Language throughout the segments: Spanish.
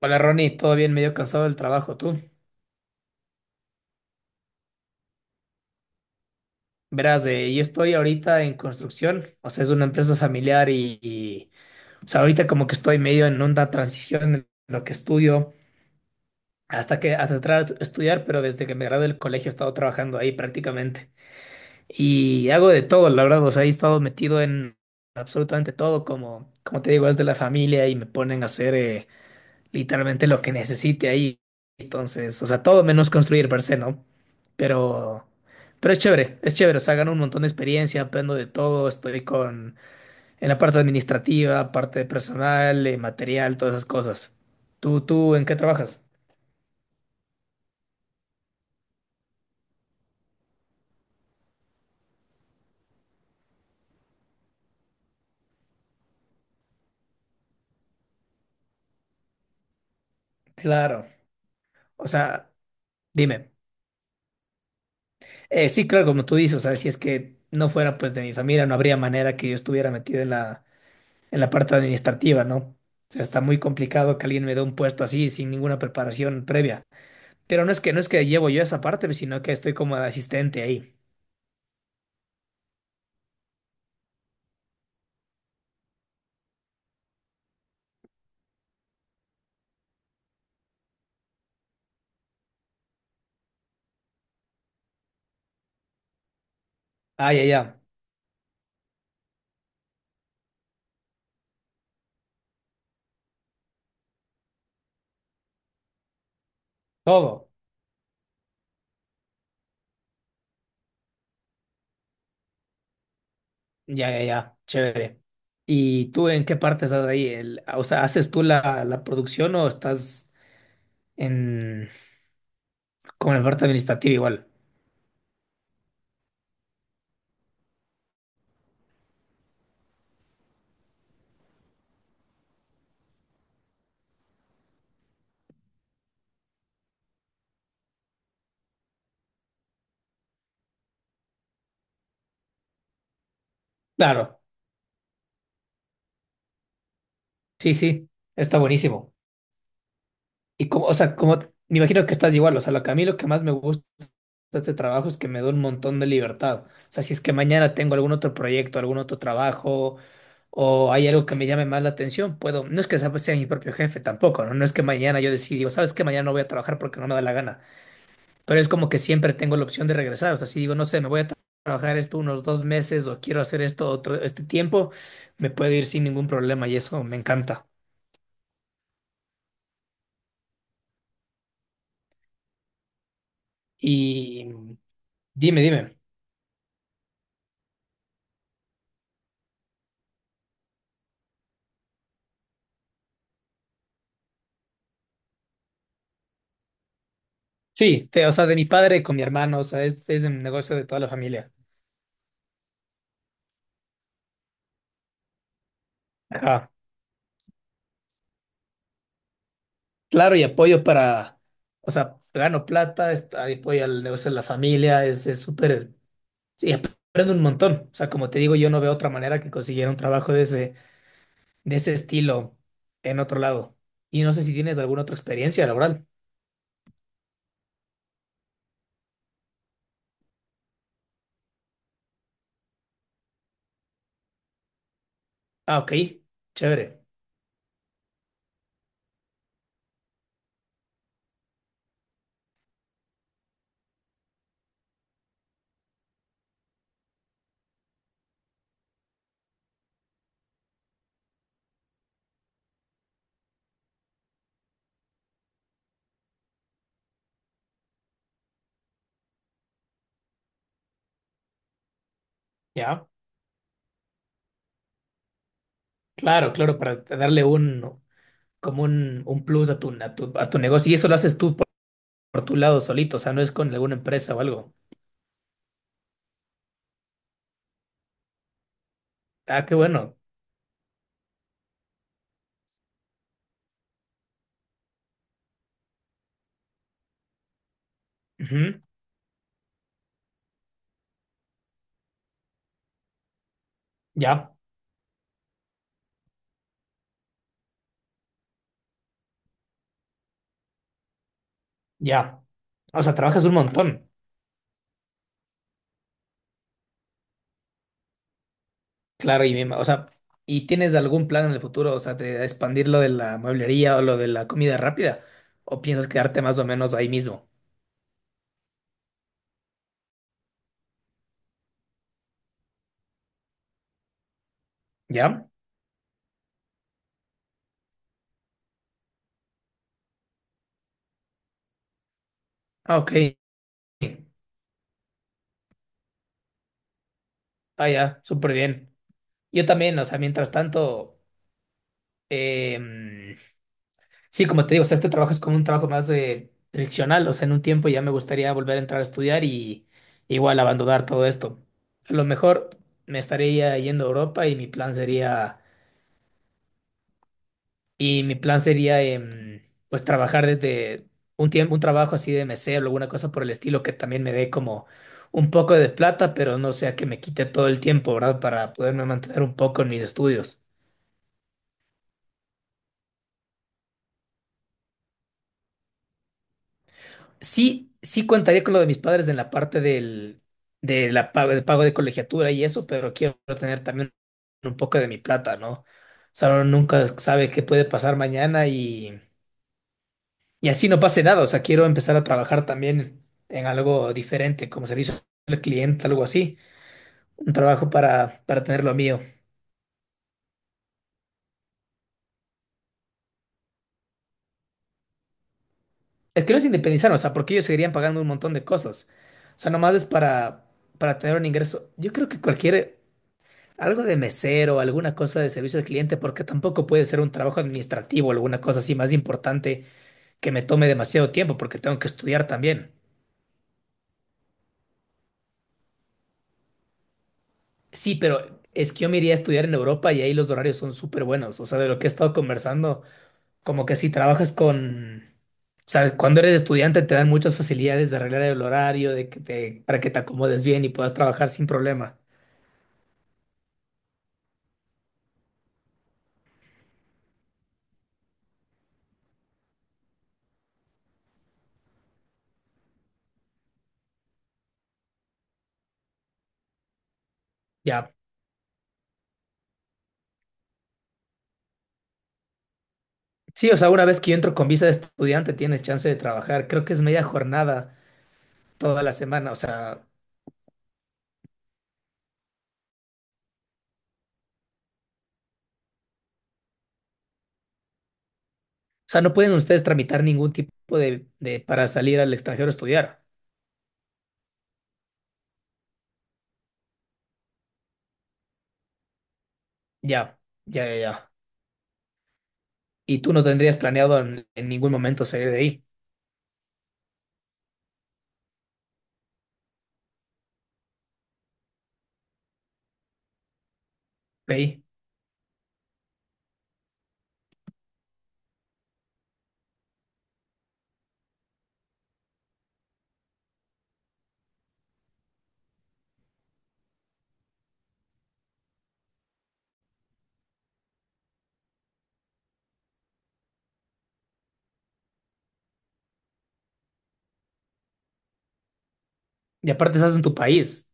Hola Ronnie, todo bien, medio cansado del trabajo, tú. Verás, yo estoy ahorita en construcción, o sea, es una empresa familiar o sea, ahorita como que estoy medio en una transición en lo que estudio, hasta entrar a estudiar, pero desde que me gradué del colegio he estado trabajando ahí prácticamente. Y hago de todo, la verdad, o sea, he estado metido en absolutamente todo, como te digo, es de la familia y me ponen a hacer, literalmente lo que necesite ahí. Entonces, o sea, todo menos construir per se, ¿no? Pero, pero es chévere, o sea, gano un montón de experiencia, aprendo de todo, en la parte administrativa, parte de personal, material, todas esas cosas. En qué trabajas? Claro, o sea, dime. Sí, claro, como tú dices, o sea, si es que no fuera pues de mi familia, no habría manera que yo estuviera metido en la parte administrativa, ¿no? O sea, está muy complicado que alguien me dé un puesto así sin ninguna preparación previa. Pero no es que llevo yo esa parte, pues, sino que estoy como de asistente ahí. Ah, ya, ya. Todo. Ya, ya, ya. Chévere. ¿Y tú en qué parte estás ahí? O sea, ¿haces tú la producción o estás en como en la parte administrativa igual? Claro. Sí, sí. Está buenísimo. Y como, o sea, me imagino que estás igual, o sea, lo que a mí lo que más me gusta de este trabajo es que me da un montón de libertad. O sea, si es que mañana tengo algún otro proyecto, algún otro trabajo, o hay algo que me llame más la atención, puedo, no es que sea, pues sea mi propio jefe tampoco, ¿no? No es que mañana yo decida, digo, sabes que mañana no voy a trabajar porque no me da la gana, pero es como que siempre tengo la opción de regresar. O sea, si digo, no sé, me voy a tra- trabajar esto unos dos meses o quiero hacer esto otro, este tiempo, me puedo ir sin ningún problema y eso me encanta. Y dime, dime. Sí, o sea, de mi padre con mi hermano, o sea, este es un negocio de toda la familia. Ajá. Claro, o sea, gano plata, apoyo al negocio de la familia, es súper, sí, aprendo un montón. O sea, como te digo, yo no veo otra manera que conseguir un trabajo de ese estilo en otro lado. Y no sé si tienes alguna otra experiencia laboral. Ah, ok, chévere. Ya, claro, claro, para darle como un plus a a tu negocio. Y eso lo haces tú por tu lado solito, o sea, no es con alguna empresa o algo. Ah, qué bueno. Ujú. Ya, ya. O sea, trabajas un montón. Claro, o sea, ¿y tienes algún plan en el futuro? O sea, de expandir lo de la mueblería o lo de la comida rápida. ¿O piensas quedarte más o menos ahí mismo? ¿Ya? Ah, ok. Ah, ya, súper bien. Yo también, o sea, mientras tanto, sí, como te digo, o sea, este trabajo es como un trabajo más friccional, o sea, en un tiempo ya me gustaría volver a entrar a estudiar y igual abandonar todo esto. A lo mejor me estaría yendo a Europa y mi plan sería pues trabajar desde un tiempo, un trabajo así de mesero, alguna cosa por el estilo que también me dé como un poco de plata, pero no sea que me quite todo el tiempo, ¿verdad? Para poderme mantener un poco en mis estudios. Sí, sí contaría con lo de mis padres en la parte del, de la pago, del pago de colegiatura y eso, pero quiero tener también un poco de mi plata, ¿no? O sea, uno nunca sabe qué puede pasar mañana y así no pase nada. O sea, quiero empezar a trabajar también en algo diferente, como servicio al cliente, algo así. Un trabajo para tener lo mío. Es que no es independizarme, o sea, porque ellos seguirían pagando un montón de cosas. O sea, nomás es para tener un ingreso. Yo creo que cualquier algo de mesero, alguna cosa de servicio al cliente, porque tampoco puede ser un trabajo administrativo, alguna cosa así más importante que me tome demasiado tiempo, porque tengo que estudiar también. Sí, pero es que yo me iría a estudiar en Europa y ahí los horarios son súper buenos. O sea, de lo que he estado conversando, como que si trabajas con, sabes, cuando eres estudiante te dan muchas facilidades de arreglar el horario, para que te acomodes bien y puedas trabajar sin problema. Ya. Sí, o sea, una vez que yo entro con visa de estudiante tienes chance de trabajar. Creo que es media jornada toda la semana. O sea, no pueden ustedes tramitar ningún tipo de para salir al extranjero a estudiar. Ya, ya, ya, ya. Y tú no tendrías planeado en ningún momento salir de ahí. Y aparte estás en tu país.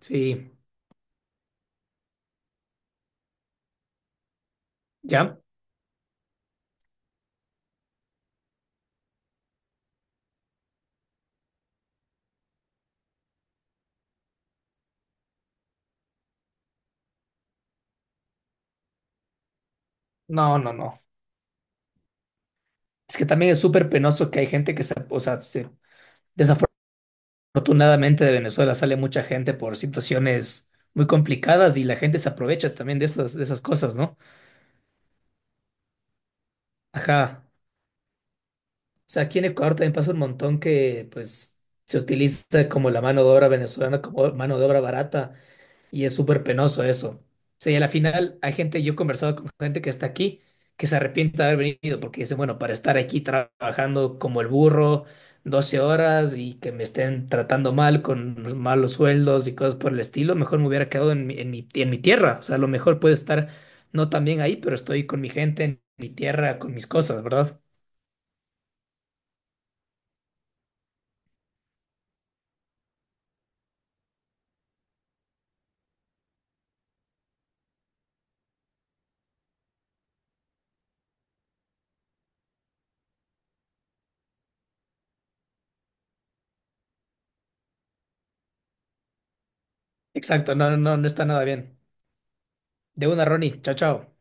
Sí, ¿ya? No, no, no. Es que también es súper penoso que hay gente o sea, desafortunadamente de Venezuela sale mucha gente por situaciones muy complicadas y la gente se aprovecha también de esas cosas, ¿no? Ajá. O sea, aquí en Ecuador también pasa un montón que pues se utiliza como la mano de obra venezolana como mano de obra barata y es súper penoso eso. O sea, y a la final hay gente, yo he conversado con gente que está aquí que se arrepiente de haber venido porque dicen, bueno, para estar aquí trabajando como el burro 12 horas y que me estén tratando mal con malos sueldos y cosas por el estilo, mejor me hubiera quedado en mi tierra. O sea, a lo mejor puedo estar no tan bien ahí, pero estoy con mi gente, en mi tierra, con mis cosas, ¿verdad? Exacto, no, no, no está nada bien. De una, Ronnie. Chao, chao.